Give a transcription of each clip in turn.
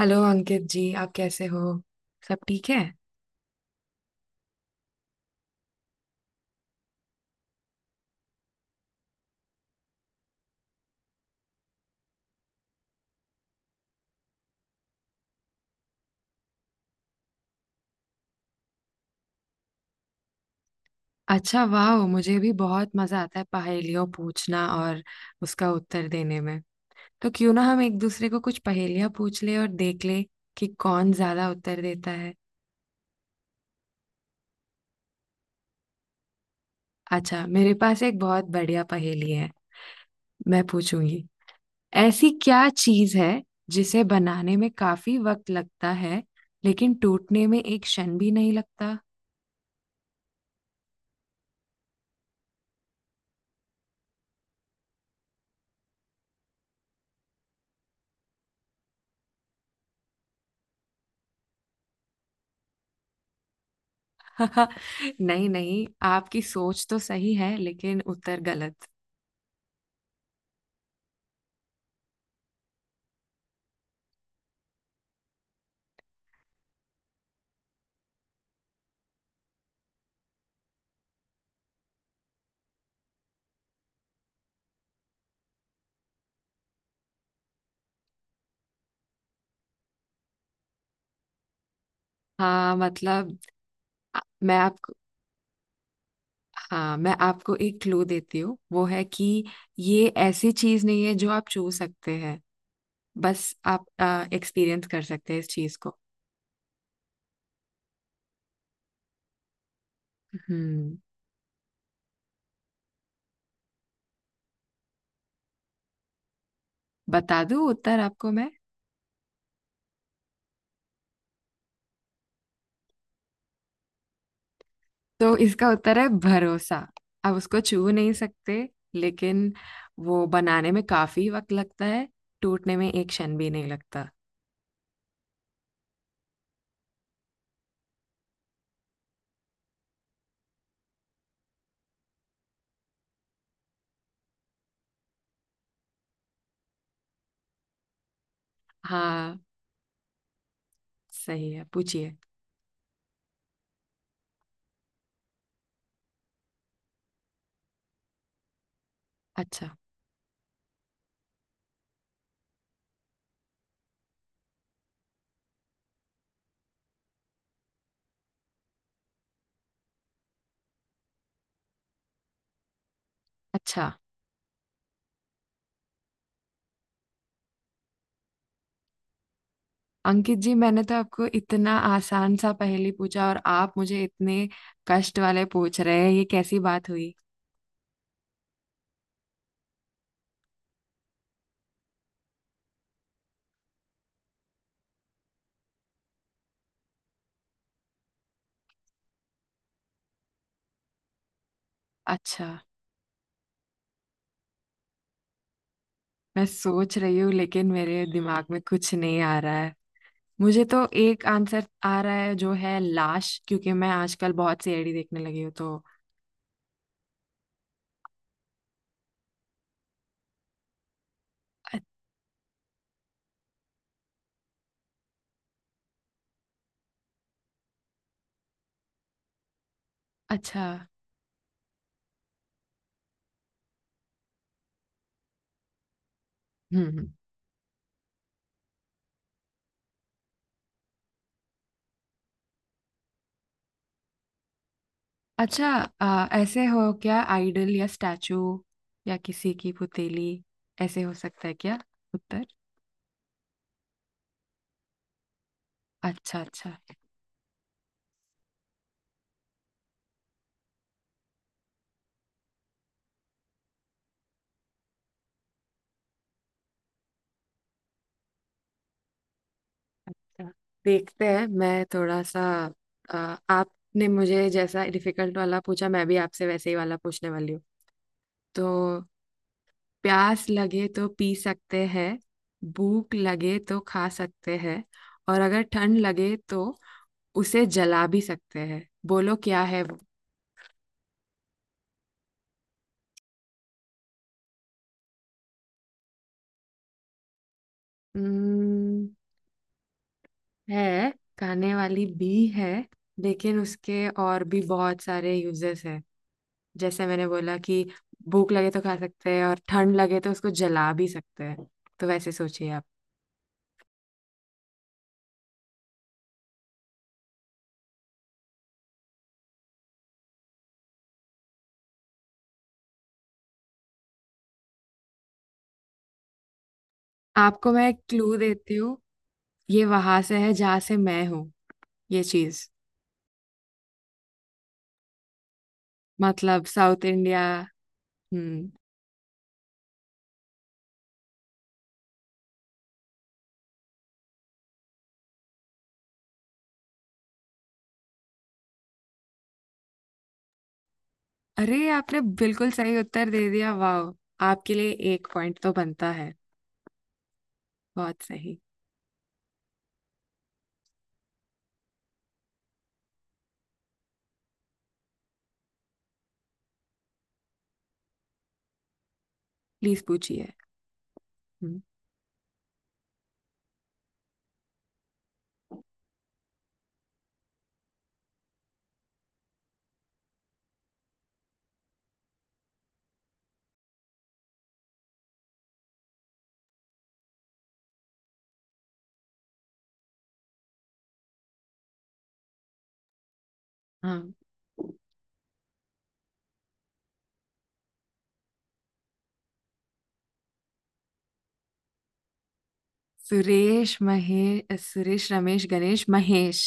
Hello Ankit ji, आप कैसे हो? सब ठीक है। अच्छा, वाह! मुझे भी बहुत मजा आता है पहेलियों पूछना और उसका उत्तर देने में। तो क्यों ना हम एक दूसरे को कुछ पहेलियां पूछ ले और देख ले कि कौन ज्यादा उत्तर देता है। अच्छा, मेरे पास एक बहुत बढ़िया पहेली है। मैं पूछूंगी। ऐसी क्या चीज है जिसे बनाने में काफी वक्त लगता है लेकिन टूटने में एक क्षण भी नहीं लगता? नहीं नहीं, आपकी सोच तो सही है लेकिन उत्तर गलत। हाँ मतलब, मैं आपको हाँ, मैं आपको एक क्लू देती हूँ। वो है कि ये ऐसी चीज नहीं है जो आप छू सकते हैं। बस आप एक्सपीरियंस कर सकते हैं इस चीज को। हम्म। बता दूँ उत्तर आपको मैं? तो इसका उत्तर है भरोसा। आप उसको छू नहीं सकते लेकिन वो बनाने में काफी वक्त लगता है, टूटने में एक क्षण भी नहीं लगता। हाँ, सही है, पूछिए। अच्छा, अच्छा। अंकित जी, मैंने तो आपको इतना आसान सा पहेली पूछा और आप मुझे इतने कष्ट वाले पूछ रहे हैं, ये कैसी बात हुई? अच्छा, मैं सोच रही हूँ लेकिन मेरे दिमाग में कुछ नहीं आ रहा है। मुझे तो एक आंसर आ रहा है जो है लाश, क्योंकि मैं आजकल बहुत सी एडी देखने लगी हूँ तो। अ- अच्छा। हम्म हम्म। अच्छा। ऐसे हो क्या, आइडल या स्टैचू या किसी की पुतीली? ऐसे हो सकता है क्या उत्तर? अच्छा, अच्छा। अच्छा, देखते हैं। मैं थोड़ा सा अ, आपने मुझे जैसा डिफिकल्ट वाला पूछा, मैं भी आपसे वैसे ही वाला पूछने वाली हूँ। तो प्यास लगे तो पी सकते हैं, भूख लगे तो खा सकते हैं, और अगर ठंड लगे तो उसे जला भी सकते हैं। बोलो क्या है वो? हम्म। है। खाने वाली भी है लेकिन उसके और भी बहुत सारे यूजेस हैं। जैसे मैंने बोला कि भूख लगे तो खा सकते हैं और ठंड लगे तो उसको जला भी सकते हैं। तो वैसे सोचिए आप। आपको मैं क्लू देती हूँ। ये वहां से है जहाँ से मैं हूँ। ये चीज, मतलब साउथ इंडिया। हम्म। अरे, आपने बिल्कुल सही उत्तर दे दिया! वाह, आपके लिए एक पॉइंट तो बनता है। बहुत सही। प्लीज पूछिए। हम्म, हाँ। सुरेश, महेश, सुरेश, रमेश, गणेश, महेश।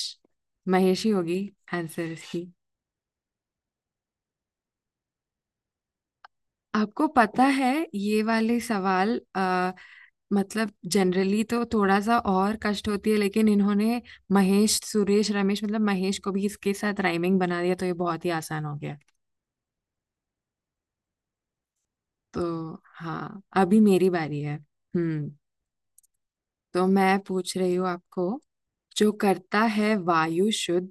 महेश ही होगी आंसर इसकी। आपको पता है ये वाले सवाल मतलब जनरली तो थोड़ा सा और कष्ट होती है लेकिन इन्होंने महेश, सुरेश, रमेश, मतलब महेश को भी इसके साथ राइमिंग बना दिया तो ये बहुत ही आसान हो गया। तो हाँ, अभी मेरी बारी है। हम्म। तो मैं पूछ रही हूँ आपको। जो करता है वायु शुद्ध,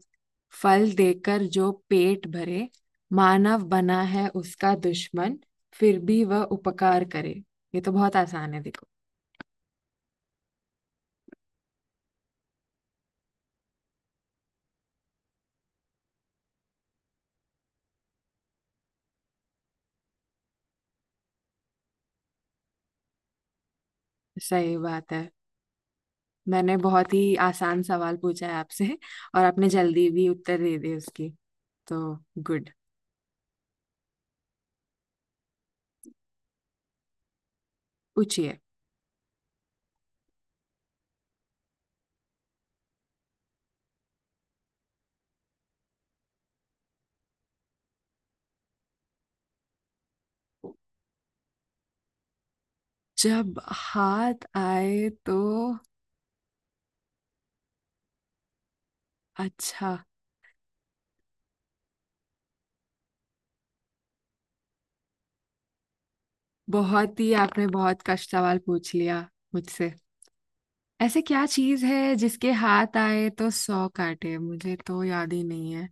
फल देकर जो पेट भरे, मानव बना है उसका दुश्मन, फिर भी वह उपकार करे। ये तो बहुत आसान है देखो। सही बात है। मैंने बहुत ही आसान सवाल पूछा है आपसे और आपने जल्दी भी उत्तर दे दिए उसकी। तो गुड। पूछिए। जब हाथ आए तो अच्छा। बहुत ही आपने बहुत कष्ट सवाल पूछ लिया मुझसे। ऐसे क्या चीज है जिसके हाथ आए तो सौ काटे? मुझे तो याद ही नहीं है।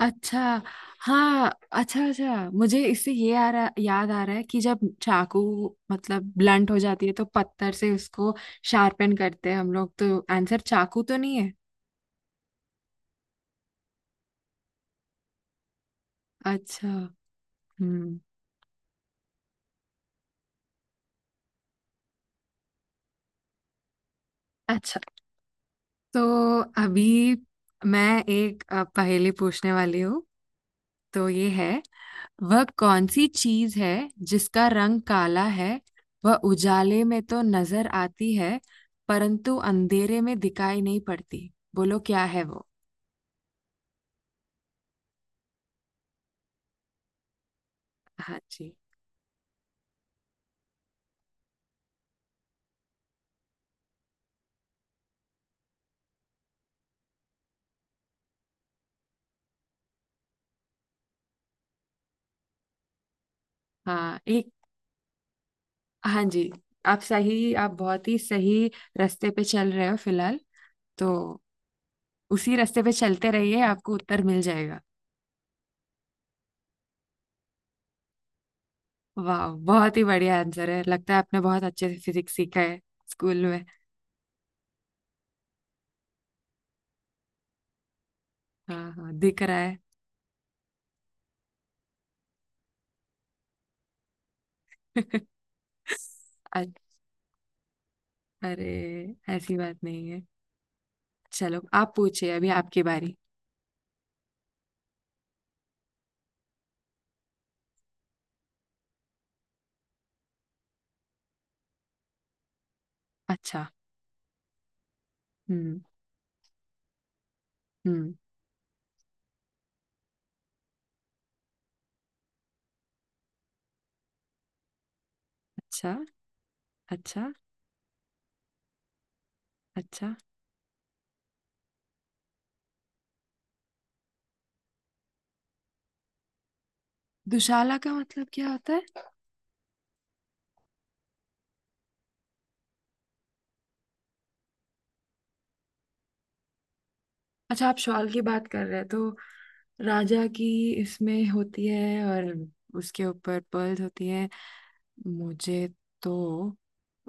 अच्छा। हाँ। अच्छा अच्छा, मुझे इससे ये आ रहा याद आ रहा है कि जब चाकू मतलब ब्लंट हो जाती है तो पत्थर से उसको शार्पन करते हैं हम लोग। तो आंसर चाकू तो नहीं है? अच्छा। हम्म। अच्छा। तो अभी मैं एक पहेली पूछने वाली हूँ। तो ये है। वह कौन सी चीज है जिसका रंग काला है, वह उजाले में तो नजर आती है परंतु अंधेरे में दिखाई नहीं पड़ती? बोलो क्या है वो? हाँ जी। हाँ एक। हाँ जी। आप सही, आप बहुत ही सही रास्ते पे चल रहे हो फिलहाल। तो उसी रास्ते पे चलते रहिए, आपको उत्तर मिल जाएगा। वाह, बहुत ही बढ़िया आंसर है। लगता है आपने बहुत अच्छे से फिजिक्स सीखा है स्कूल में। हाँ हाँ, दिख रहा है। अ- अरे, ऐसी बात नहीं है। चलो आप पूछिए, अभी आपकी बारी। अच्छा। हम्म। हम्म। अच्छा। अच्छा। अच्छा। दुशाला का मतलब क्या होता है? अच्छा, आप शॉल की बात कर रहे हैं तो राजा की इसमें होती है और उसके ऊपर पर्ल्स होती है। मुझे तो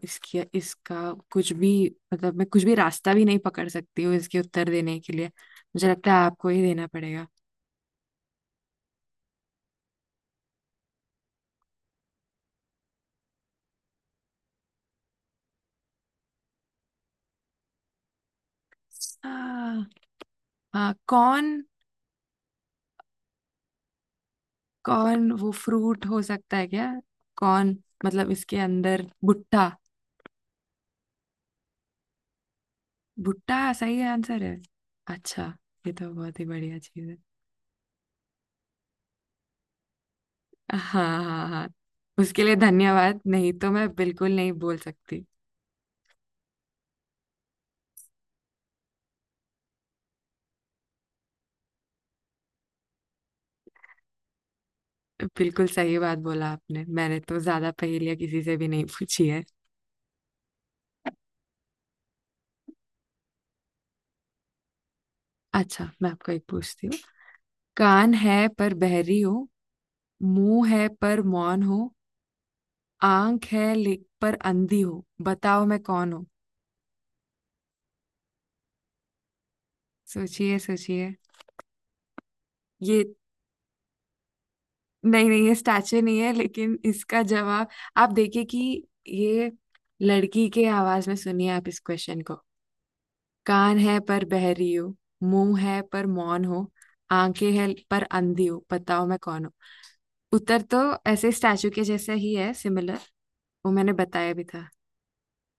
इसकी, इसका कुछ भी मतलब, मैं कुछ भी रास्ता भी नहीं पकड़ सकती हूँ इसके उत्तर देने के लिए। मुझे लगता है आपको ही देना पड़ेगा। आ, हाँ कौन? कौन वो फ्रूट हो सकता है क्या? कौन? मतलब इसके अंदर भुट्टा? भुट्टा सही आंसर है। अच्छा, ये तो बहुत ही बढ़िया चीज है। हाँ हाँ हाँ, उसके लिए धन्यवाद, नहीं तो मैं बिल्कुल नहीं बोल सकती। बिल्कुल सही बात बोला आपने, मैंने तो ज्यादा पहेलियां किसी से भी नहीं पूछी है। अच्छा, मैं आपको एक पूछती हूँ। कान है पर बहरी हो, मुंह है पर मौन हो, आंख है ले पर अंधी हो, बताओ मैं कौन हूँ? सोचिए सोचिए। ये नहीं नहीं, ये स्टैचू नहीं है, लेकिन इसका जवाब आप देखिए कि ये लड़की के आवाज में सुनिए आप इस क्वेश्चन को। कान है पर बहरी हो, मुंह है पर मौन हो, आंखें हैं पर अंधी हो, बताओ मैं कौन हूँ? उत्तर तो ऐसे स्टैचू के जैसा ही है, सिमिलर। वो मैंने बताया भी था।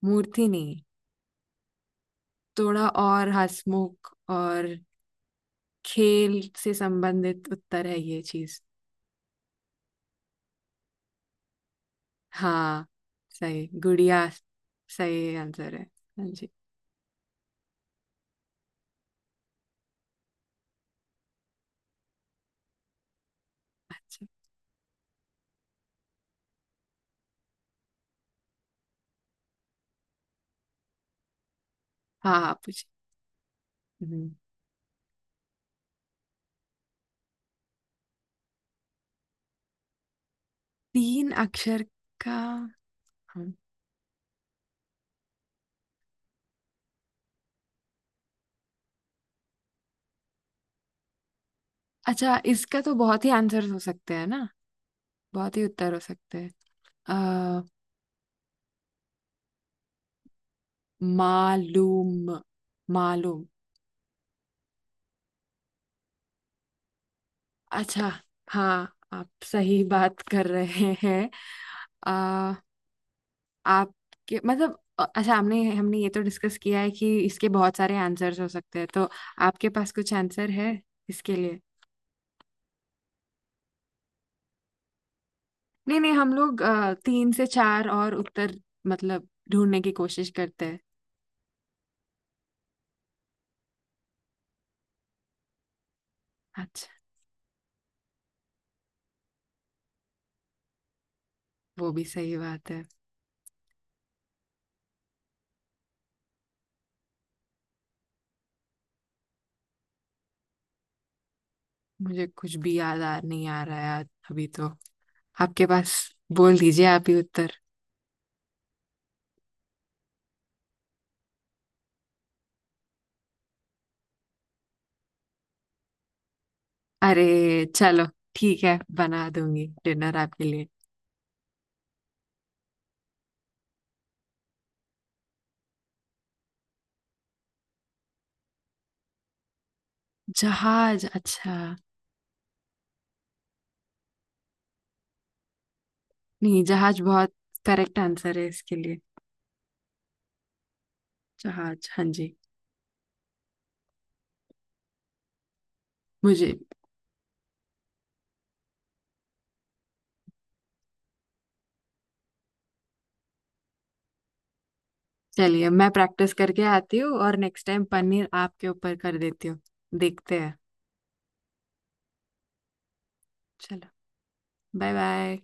मूर्ति नहीं, थोड़ा और हंसमुख और खेल से संबंधित उत्तर है ये चीज। हाँ, सही! गुड़िया सही आंसर है। हाँ जी। अच्छा। हाँ हाँ पूछिए। हम्म, तीन अक्षर का। हम्म, अच्छा, इसका तो बहुत ही आंसर्स हो सकते हैं ना, बहुत ही उत्तर हो सकते हैं। अ, मालूम, मालूम। अच्छा। हाँ आप सही बात कर रहे हैं। अ, आपके मतलब, अच्छा, हमने हमने ये तो डिस्कस किया है कि इसके बहुत सारे आंसर्स हो सकते हैं। तो आपके पास कुछ आंसर है इसके लिए? नहीं नहीं, हम लोग तीन से चार और उत्तर मतलब ढूंढने की कोशिश करते हैं। अच्छा, वो भी सही बात है। मुझे कुछ भी याद आ नहीं आ रहा है अभी तो। आपके पास? बोल दीजिए आप ही उत्तर। अरे चलो, ठीक है, बना दूंगी डिनर आपके लिए। जहाज? अच्छा। नहीं, जहाज बहुत करेक्ट आंसर है इसके लिए। जहाज, हाँ जी। मुझे, चलिए मैं प्रैक्टिस करके आती हूँ और नेक्स्ट टाइम पनीर आपके ऊपर कर देती हूँ। देखते हैं। चलो। Bye bye.